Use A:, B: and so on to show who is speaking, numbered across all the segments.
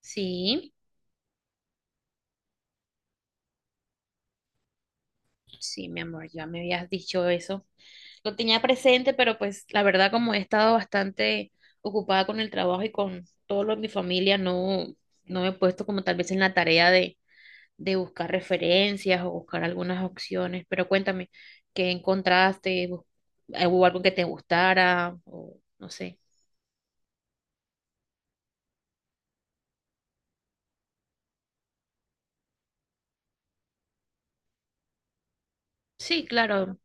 A: Sí, sí, mi amor, ya me habías dicho eso. Lo tenía presente, pero pues la verdad como he estado bastante ocupada con el trabajo y con todo lo de mi familia, no me he puesto como tal vez en la tarea de buscar referencias o buscar algunas opciones. Pero cuéntame, ¿qué encontraste? ¿Hubo algo que te gustara? O no sé. Sí, claro,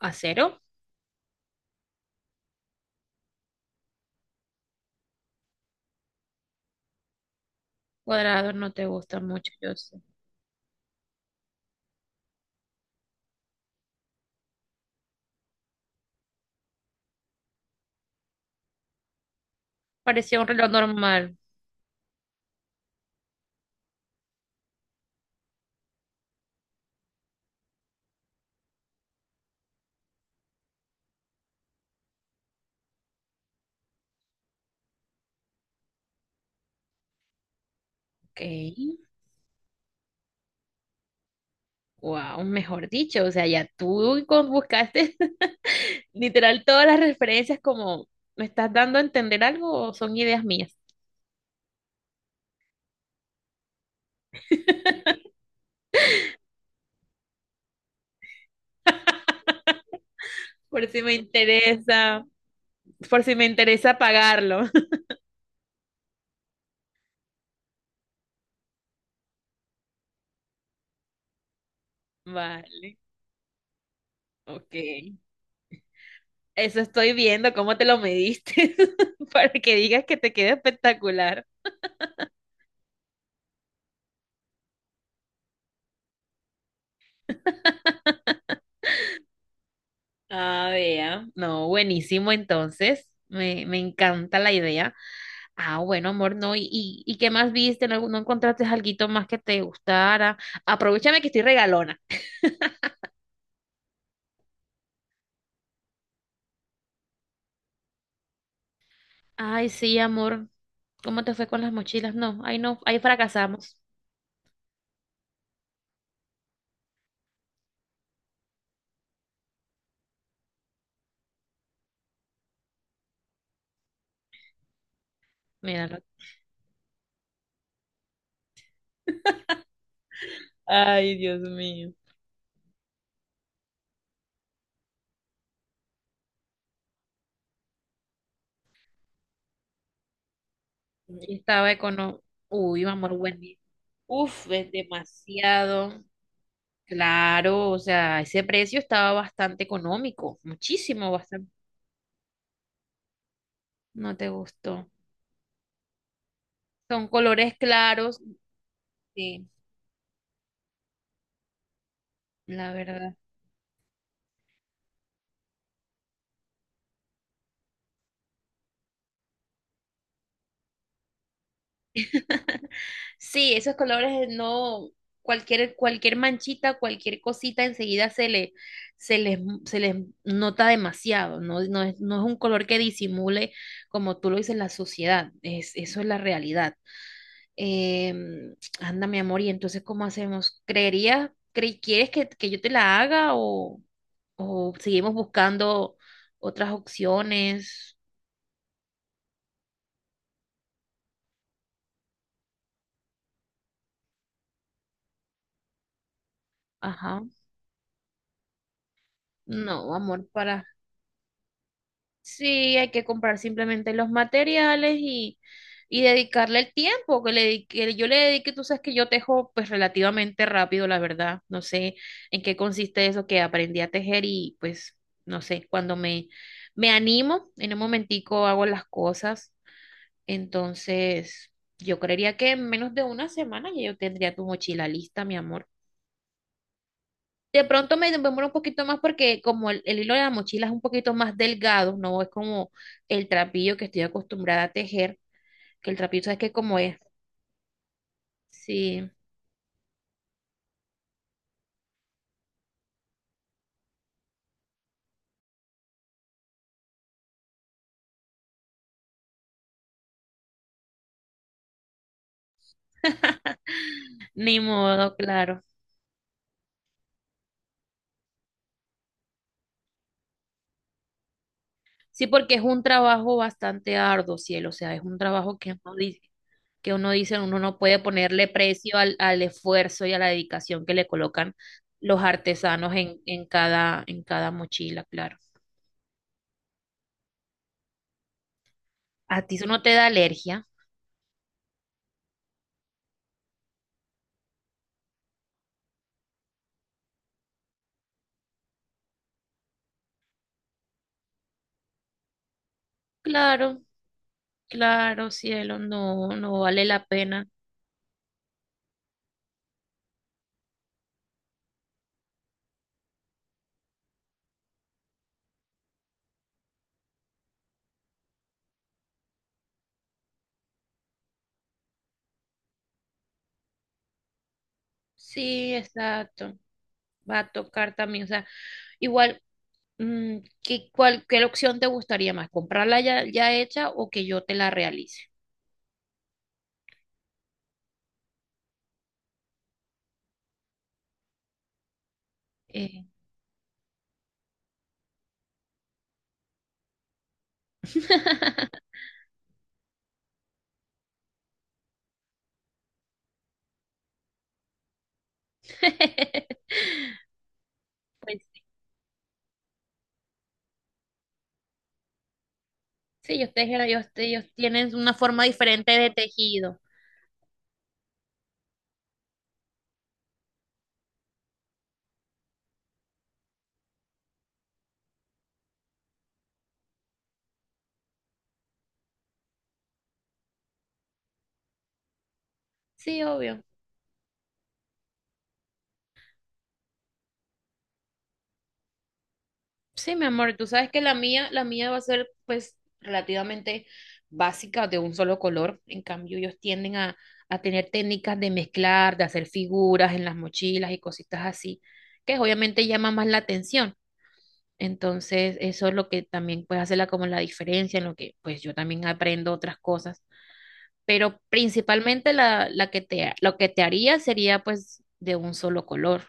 A: acero cuadrado no te gusta mucho, yo sé. Parecía un reloj normal. Ok. Wow, mejor dicho, o sea, buscaste literal todas las referencias como, ¿me estás dando a entender algo o son ideas mías? Por si me interesa, por si me interesa pagarlo. Vale, ok. Eso estoy viendo, cómo te lo mediste para que digas que te queda espectacular. Ah, vea. No, buenísimo entonces. Me encanta la idea. Ah, bueno, amor, no. ¿Y qué más viste? No encontraste alguito más que te gustara? Aprovechame que estoy regalona. Ay, sí, amor. ¿Cómo te fue con las mochilas? No, ahí no, ahí fracasamos. Míralo. Ay, Dios mío. Estaba económico. Uy, amor, buenísimo. Uf, es demasiado. Claro, o sea, ese precio estaba bastante económico. Muchísimo, bastante. No te gustó. Son colores claros, sí, la verdad. Sí, esos colores no, cualquier, cualquier manchita, cualquier cosita enseguida se les, se les nota demasiado. No es un color que disimule, como tú lo dices, la sociedad. Es, eso es la realidad. Em, anda, mi amor, y entonces, ¿cómo hacemos? Quieres que yo te la haga o seguimos buscando otras opciones? Ajá. No, amor, para. Sí, hay que comprar simplemente los materiales y dedicarle el tiempo que que yo le dedique. Tú sabes que yo tejo pues relativamente rápido, la verdad. No sé en qué consiste eso que aprendí a tejer y pues no sé, me animo, en un momentico hago las cosas. Entonces, yo creería que en menos de una semana ya yo tendría tu mochila lista, mi amor. De pronto me demoro un poquito más porque como el hilo de la mochila es un poquito más delgado, no es como el trapillo que estoy acostumbrada a tejer, que el trapillo, ¿sabes qué? Como es. Sí, ni modo, claro. Sí, porque es un trabajo bastante arduo, cielo, o sea, es un trabajo que uno dice, uno no puede ponerle precio al esfuerzo y a la dedicación que le colocan los artesanos en cada mochila, claro. ¿A ti eso no te da alergia? Claro. Claro, cielo, no vale la pena. Sí, exacto. Va a tocar también, o sea, igual, mm, ¿ qué opción te gustaría más? ¿Comprarla ya, ya hecha o que yo te la realice? Eh. Pues sí, sí, ellos tejen, ellos tienen una forma diferente de tejido. Sí, obvio. Sí, mi amor, tú sabes que la mía va a ser pues relativamente básica de un solo color. En cambio, ellos tienden a tener técnicas de mezclar, de hacer figuras en las mochilas y cositas así, que obviamente llama más la atención. Entonces, eso es lo que también puede hacerla como la diferencia, en lo que pues yo también aprendo otras cosas. Pero principalmente la lo que te haría sería pues de un solo color.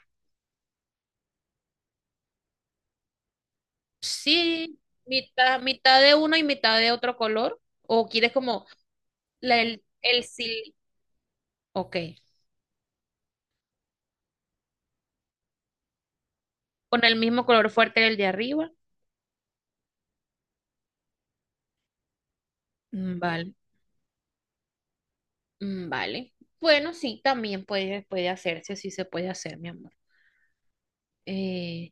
A: Sí, mitad, mitad de uno y mitad de otro color. ¿O quieres como la- el, el sil- Ok. Con el mismo color fuerte del de arriba. Mm, vale. Mm, vale. Bueno, sí, también puede, puede hacerse, sí se puede hacer, mi amor. Eh,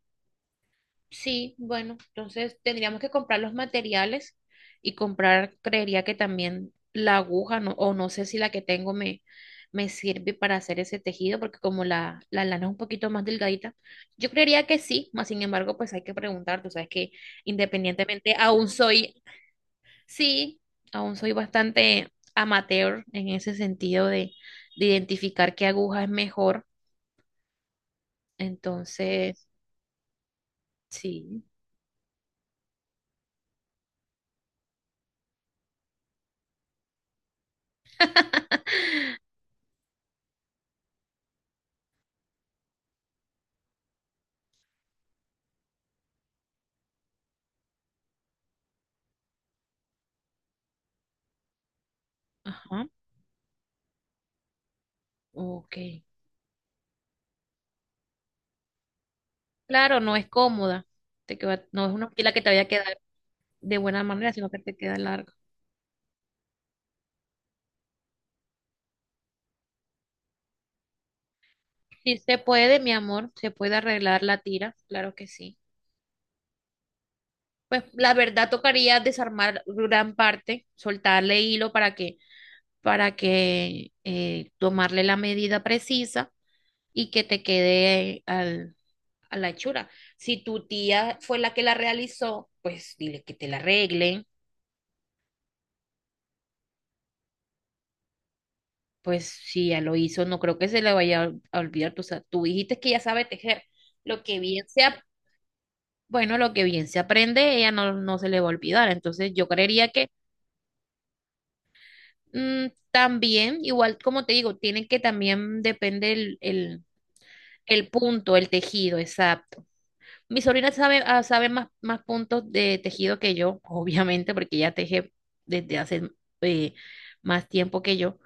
A: Sí, bueno, entonces tendríamos que comprar los materiales y comprar, creería que también la aguja, no, o no sé si la que tengo me sirve para hacer ese tejido, porque como la lana es un poquito más delgadita, yo creería que sí, más sin embargo, pues hay que preguntar, tú sabes que independientemente, aún soy, sí, aún soy bastante amateur en ese sentido de identificar qué aguja es mejor, entonces, sí, ajá, ok. Claro, no es cómoda, no es una pila que te vaya a quedar de buena manera, sino que te queda larga. Sí se puede, mi amor, se puede arreglar la tira, claro que sí. Pues la verdad tocaría desarmar gran parte, soltarle hilo para que tomarle la medida precisa y que te quede a la hechura. Si tu tía fue la que la realizó, pues dile que te la arregle. Pues si ya lo hizo, no creo que se le vaya a olvidar. Tú dijiste que ya sabe tejer. Lo que bien bueno, lo que bien se aprende, ella no se le va a olvidar. Entonces yo creería que mm, también, igual como te digo, tiene que también depende el punto, el tejido, exacto. Mi sobrina sabe, ah, sabe más, más puntos de tejido que yo, obviamente, porque ella teje desde hace eh, más tiempo que yo.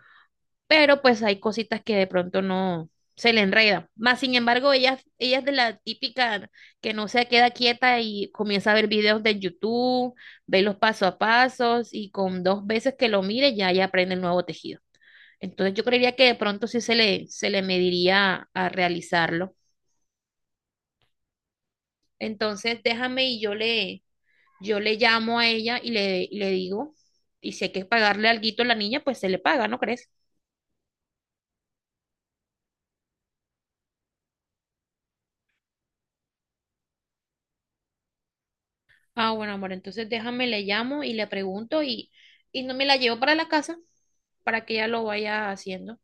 A: Pero pues hay cositas que de pronto no se le enredan. Más sin embargo, ella es de la típica que no se queda quieta y comienza a ver videos de YouTube, ve los paso a pasos y con dos veces que lo mire ya, ya aprende el nuevo tejido. Entonces yo creería que de pronto sí se le mediría a realizarlo. Entonces déjame y yo le llamo a ella y y le digo, y si hay que pagarle alguito a la niña, pues se le paga, ¿no crees? Ah, bueno, amor, entonces déjame, le llamo y le pregunto y no me la llevo para la casa para que ella lo vaya haciendo.